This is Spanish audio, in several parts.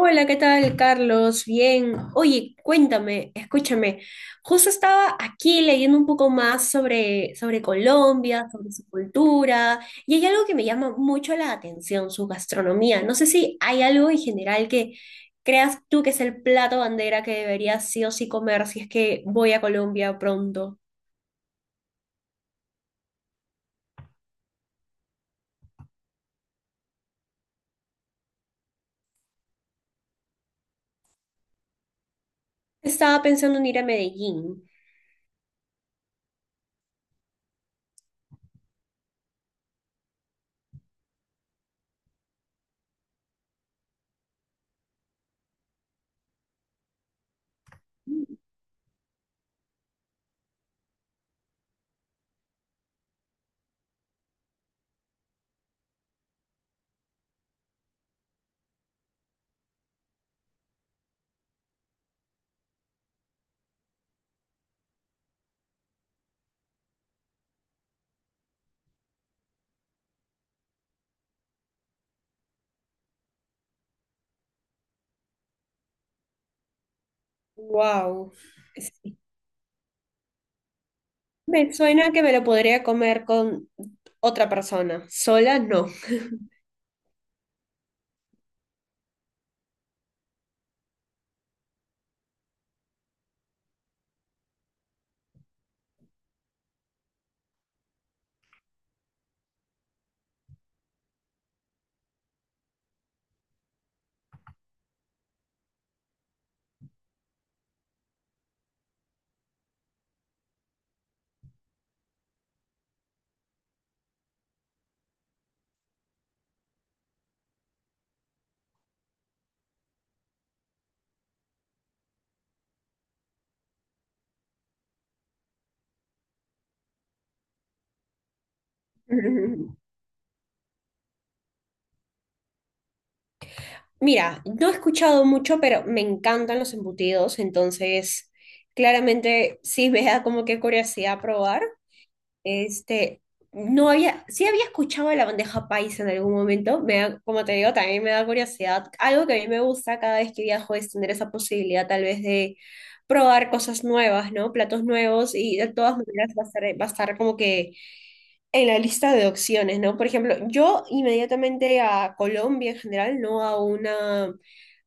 Hola, ¿qué tal, Carlos? Bien. Oye, cuéntame, escúchame. Justo estaba aquí leyendo un poco más sobre Colombia, sobre su cultura, y hay algo que me llama mucho la atención, su gastronomía. No sé si hay algo en general que creas tú que es el plato bandera que debería sí o sí comer si es que voy a Colombia pronto. Estaba pensando en ir a Medellín. Wow. Me suena que me lo podría comer con otra persona. Sola, no. Mira, no he escuchado mucho, pero me encantan los embutidos, entonces claramente sí me da como que curiosidad probar. Este, no había, sí había escuchado de la bandeja paisa en algún momento, como te digo, también me da curiosidad. Algo que a mí me gusta cada vez que viajo es tener esa posibilidad tal vez de probar cosas nuevas, ¿no? Platos nuevos y de todas maneras va a estar como que en la lista de opciones, ¿no? Por ejemplo, yo inmediatamente a Colombia en general, no a una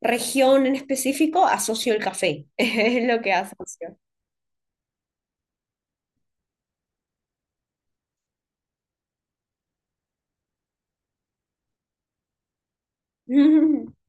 región en específico, asocio el café, es lo que asocio.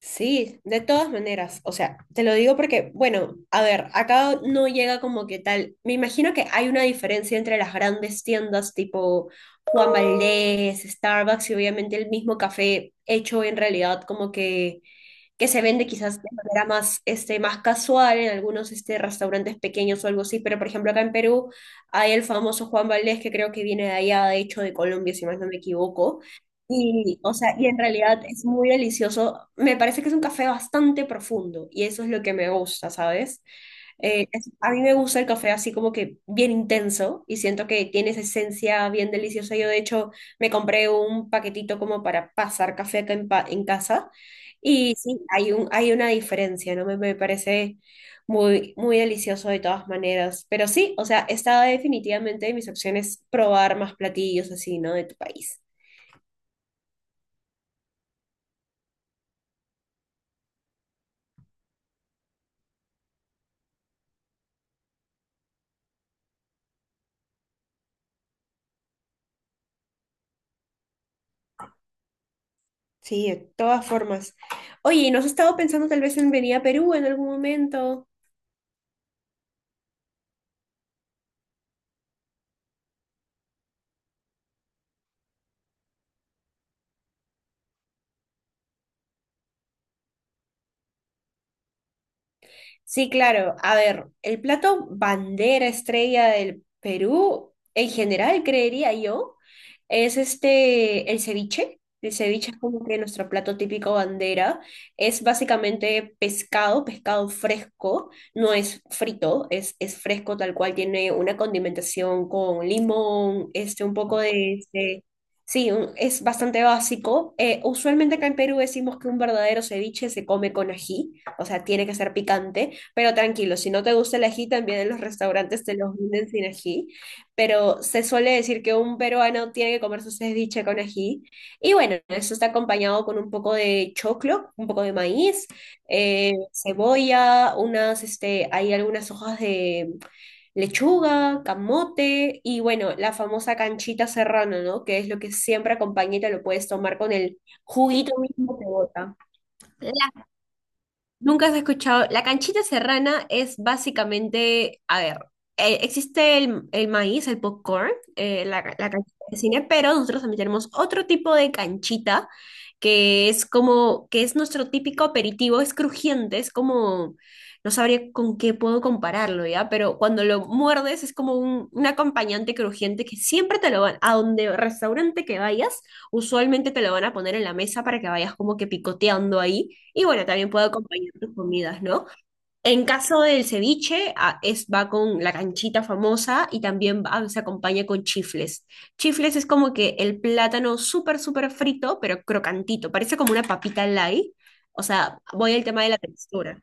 Sí, de todas maneras, o sea, te lo digo porque, bueno, a ver, acá no llega como que tal, me imagino que hay una diferencia entre las grandes tiendas tipo Juan Valdez, Starbucks y obviamente el mismo café hecho en realidad como que se vende quizás de manera más, este, más casual en algunos este, restaurantes pequeños o algo así, pero por ejemplo acá en Perú hay el famoso Juan Valdés que creo que viene de allá, de hecho de Colombia, si más no me equivoco. Y, o sea, y en realidad es muy delicioso. Me parece que es un café bastante profundo y eso es lo que me gusta, ¿sabes? A mí me gusta el café así como que bien intenso y siento que tiene esa esencia bien deliciosa. Yo de hecho me compré un paquetito como para pasar café acá en, en casa y sí, hay una diferencia, ¿no? Me parece muy, muy delicioso de todas maneras. Pero sí, o sea, está definitivamente de mis opciones probar más platillos así, ¿no? De tu país. Sí, de todas formas. Oye, ¿no has estado pensando tal vez en venir a Perú en algún momento? Sí, claro. A ver, el plato bandera estrella del Perú, en general, creería yo, es este, el ceviche. El ceviche es como que nuestro plato típico bandera. Es básicamente pescado, pescado fresco, no es frito, es fresco tal cual, tiene una condimentación con limón, este, un poco de, este, sí, es bastante básico. Usualmente acá en Perú decimos que un verdadero ceviche se come con ají, o sea, tiene que ser picante. Pero tranquilo, si no te gusta el ají, también en los restaurantes te los venden sin ají. Pero se suele decir que un peruano tiene que comer su ceviche con ají. Y bueno, eso está acompañado con un poco de choclo, un poco de maíz, cebolla, unas, este, hay algunas hojas de lechuga, camote y bueno, la famosa canchita serrana, ¿no? Que es lo que siempre acompaña y te lo puedes tomar con el juguito mismo que bota. Nunca has escuchado. La canchita serrana es básicamente, a ver, existe el maíz, el popcorn, la canchita de cine, pero nosotros también tenemos otro tipo de canchita que es como, que es nuestro típico aperitivo, es crujiente, es como, no sabría con qué puedo compararlo, ¿ya? Pero cuando lo muerdes es como un acompañante crujiente que siempre te lo van, a donde restaurante que vayas, usualmente te lo van a poner en la mesa para que vayas como que picoteando ahí. Y bueno, también puede acompañar tus comidas, ¿no? En caso del ceviche, es, va con la canchita famosa y también se acompaña con chifles. Chifles es como que el plátano súper, súper frito, pero crocantito. Parece como una papita light. O sea, voy al tema de la textura.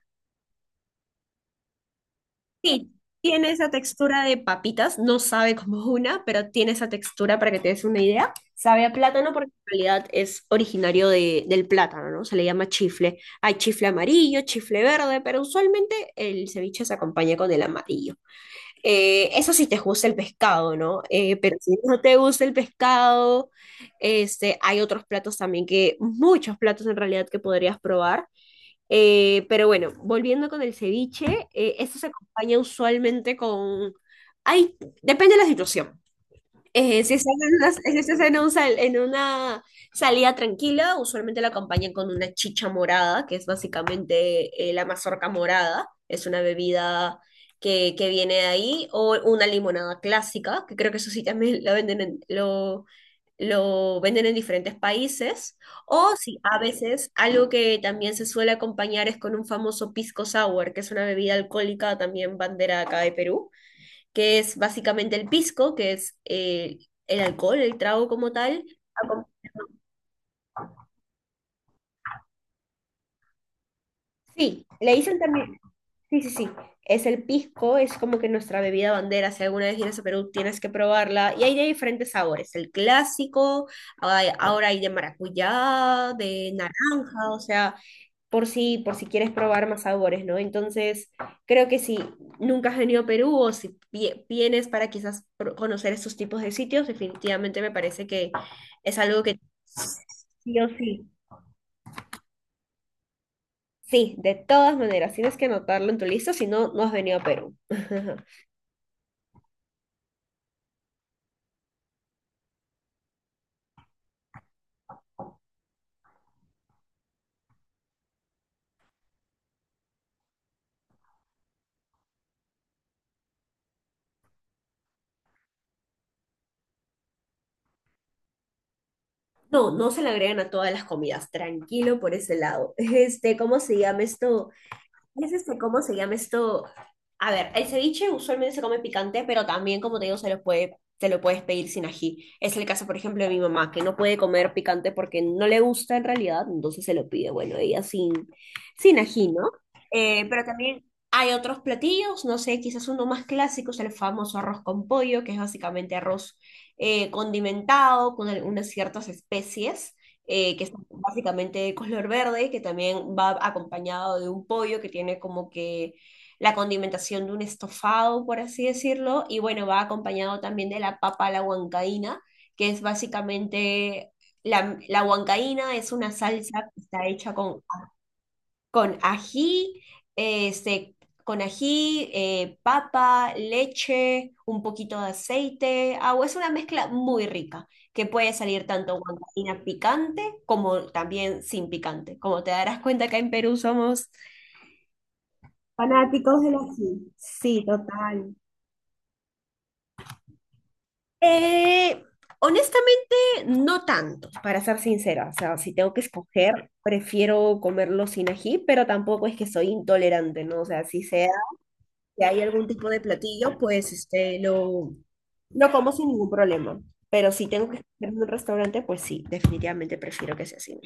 Sí, tiene esa textura de papitas, no sabe como una, pero tiene esa textura para que te des una idea. Sabe a plátano porque en realidad es originario de, del plátano, ¿no? Se le llama chifle. Hay chifle amarillo, chifle verde, pero usualmente el ceviche se acompaña con el amarillo. Eso sí te gusta el pescado, ¿no? Pero si no te gusta el pescado, este, hay otros platos también que, muchos platos en realidad que podrías probar. Pero bueno, volviendo con el ceviche, este se acompaña usualmente con... Hay, depende de la situación. Si estás en una, si estás en un en una salida tranquila, usualmente la acompañan con una chicha morada, que es básicamente la mazorca morada. Es una bebida que viene de ahí, o una limonada clásica, que creo que eso sí también la venden en, lo venden en diferentes países. O sí, a veces algo que también se suele acompañar es con un famoso pisco sour, que es una bebida alcohólica también bandera acá de Perú que es básicamente el pisco, que es el alcohol, el trago como tal. acom- Sí, le dicen también, sí, sí, sí, es el pisco, es como que nuestra bebida bandera, si alguna vez vienes a Perú tienes que probarla, y hay de diferentes sabores, el clásico, ahora hay de maracuyá, de naranja, o sea, por si quieres probar más sabores, ¿no? Entonces, creo que si nunca has venido a Perú o si vienes para quizás conocer estos tipos de sitios, definitivamente me parece que es algo que sí o sí. Sí, de todas maneras, tienes que anotarlo en tu lista, si no, no has venido a Perú. No, no se le agregan a todas las comidas, tranquilo por ese lado. Este, ¿cómo se llama esto? Es este, ¿cómo se llama esto? A ver, el ceviche usualmente se come picante, pero también, como te digo, se lo puedes pedir sin ají. Es el caso, por ejemplo, de mi mamá, que no puede comer picante porque no le gusta en realidad, entonces se lo pide, bueno, ella sin ají, ¿no? Pero también hay otros platillos, no sé, quizás uno más clásico es el famoso arroz con pollo, que es básicamente arroz condimentado con algunas ciertas especies que es básicamente de color verde, que también va acompañado de un pollo que tiene como que la condimentación de un estofado, por así decirlo, y bueno, va acompañado también de la papa a la huancaína, que es básicamente, la huancaína es una salsa que está hecha con ají, este, con ají, papa, leche, un poquito de aceite, agua. Es una mezcla muy rica que puede salir tanto guancaína picante como también sin picante. Como te darás cuenta, acá en Perú somos... Fanáticos del ají. Sí, total. Eh, Honestamente, no tanto, para ser sincera. O sea, si tengo que escoger, prefiero comerlo sin ají, pero tampoco es que soy intolerante, ¿no? O sea, si hay algún tipo de platillo, pues este, lo como sin ningún problema. Pero si tengo que comer en un restaurante, pues sí, definitivamente prefiero que sea así. ¿No?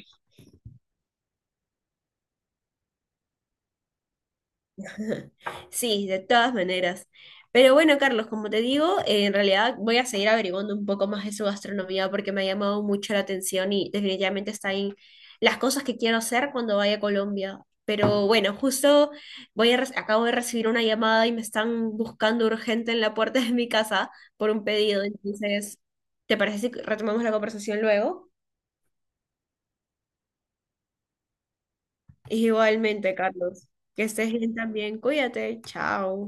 Sí, de todas maneras. Pero bueno, Carlos, como te digo, en realidad voy a seguir averiguando un poco más de su gastronomía porque me ha llamado mucho la atención y definitivamente está en las cosas que quiero hacer cuando vaya a Colombia. Pero bueno, justo acabo de recibir una llamada y me están buscando urgente en la puerta de mi casa por un pedido. Entonces, ¿te parece si retomamos la conversación luego? Igualmente, Carlos, que estés bien también. Cuídate, chao.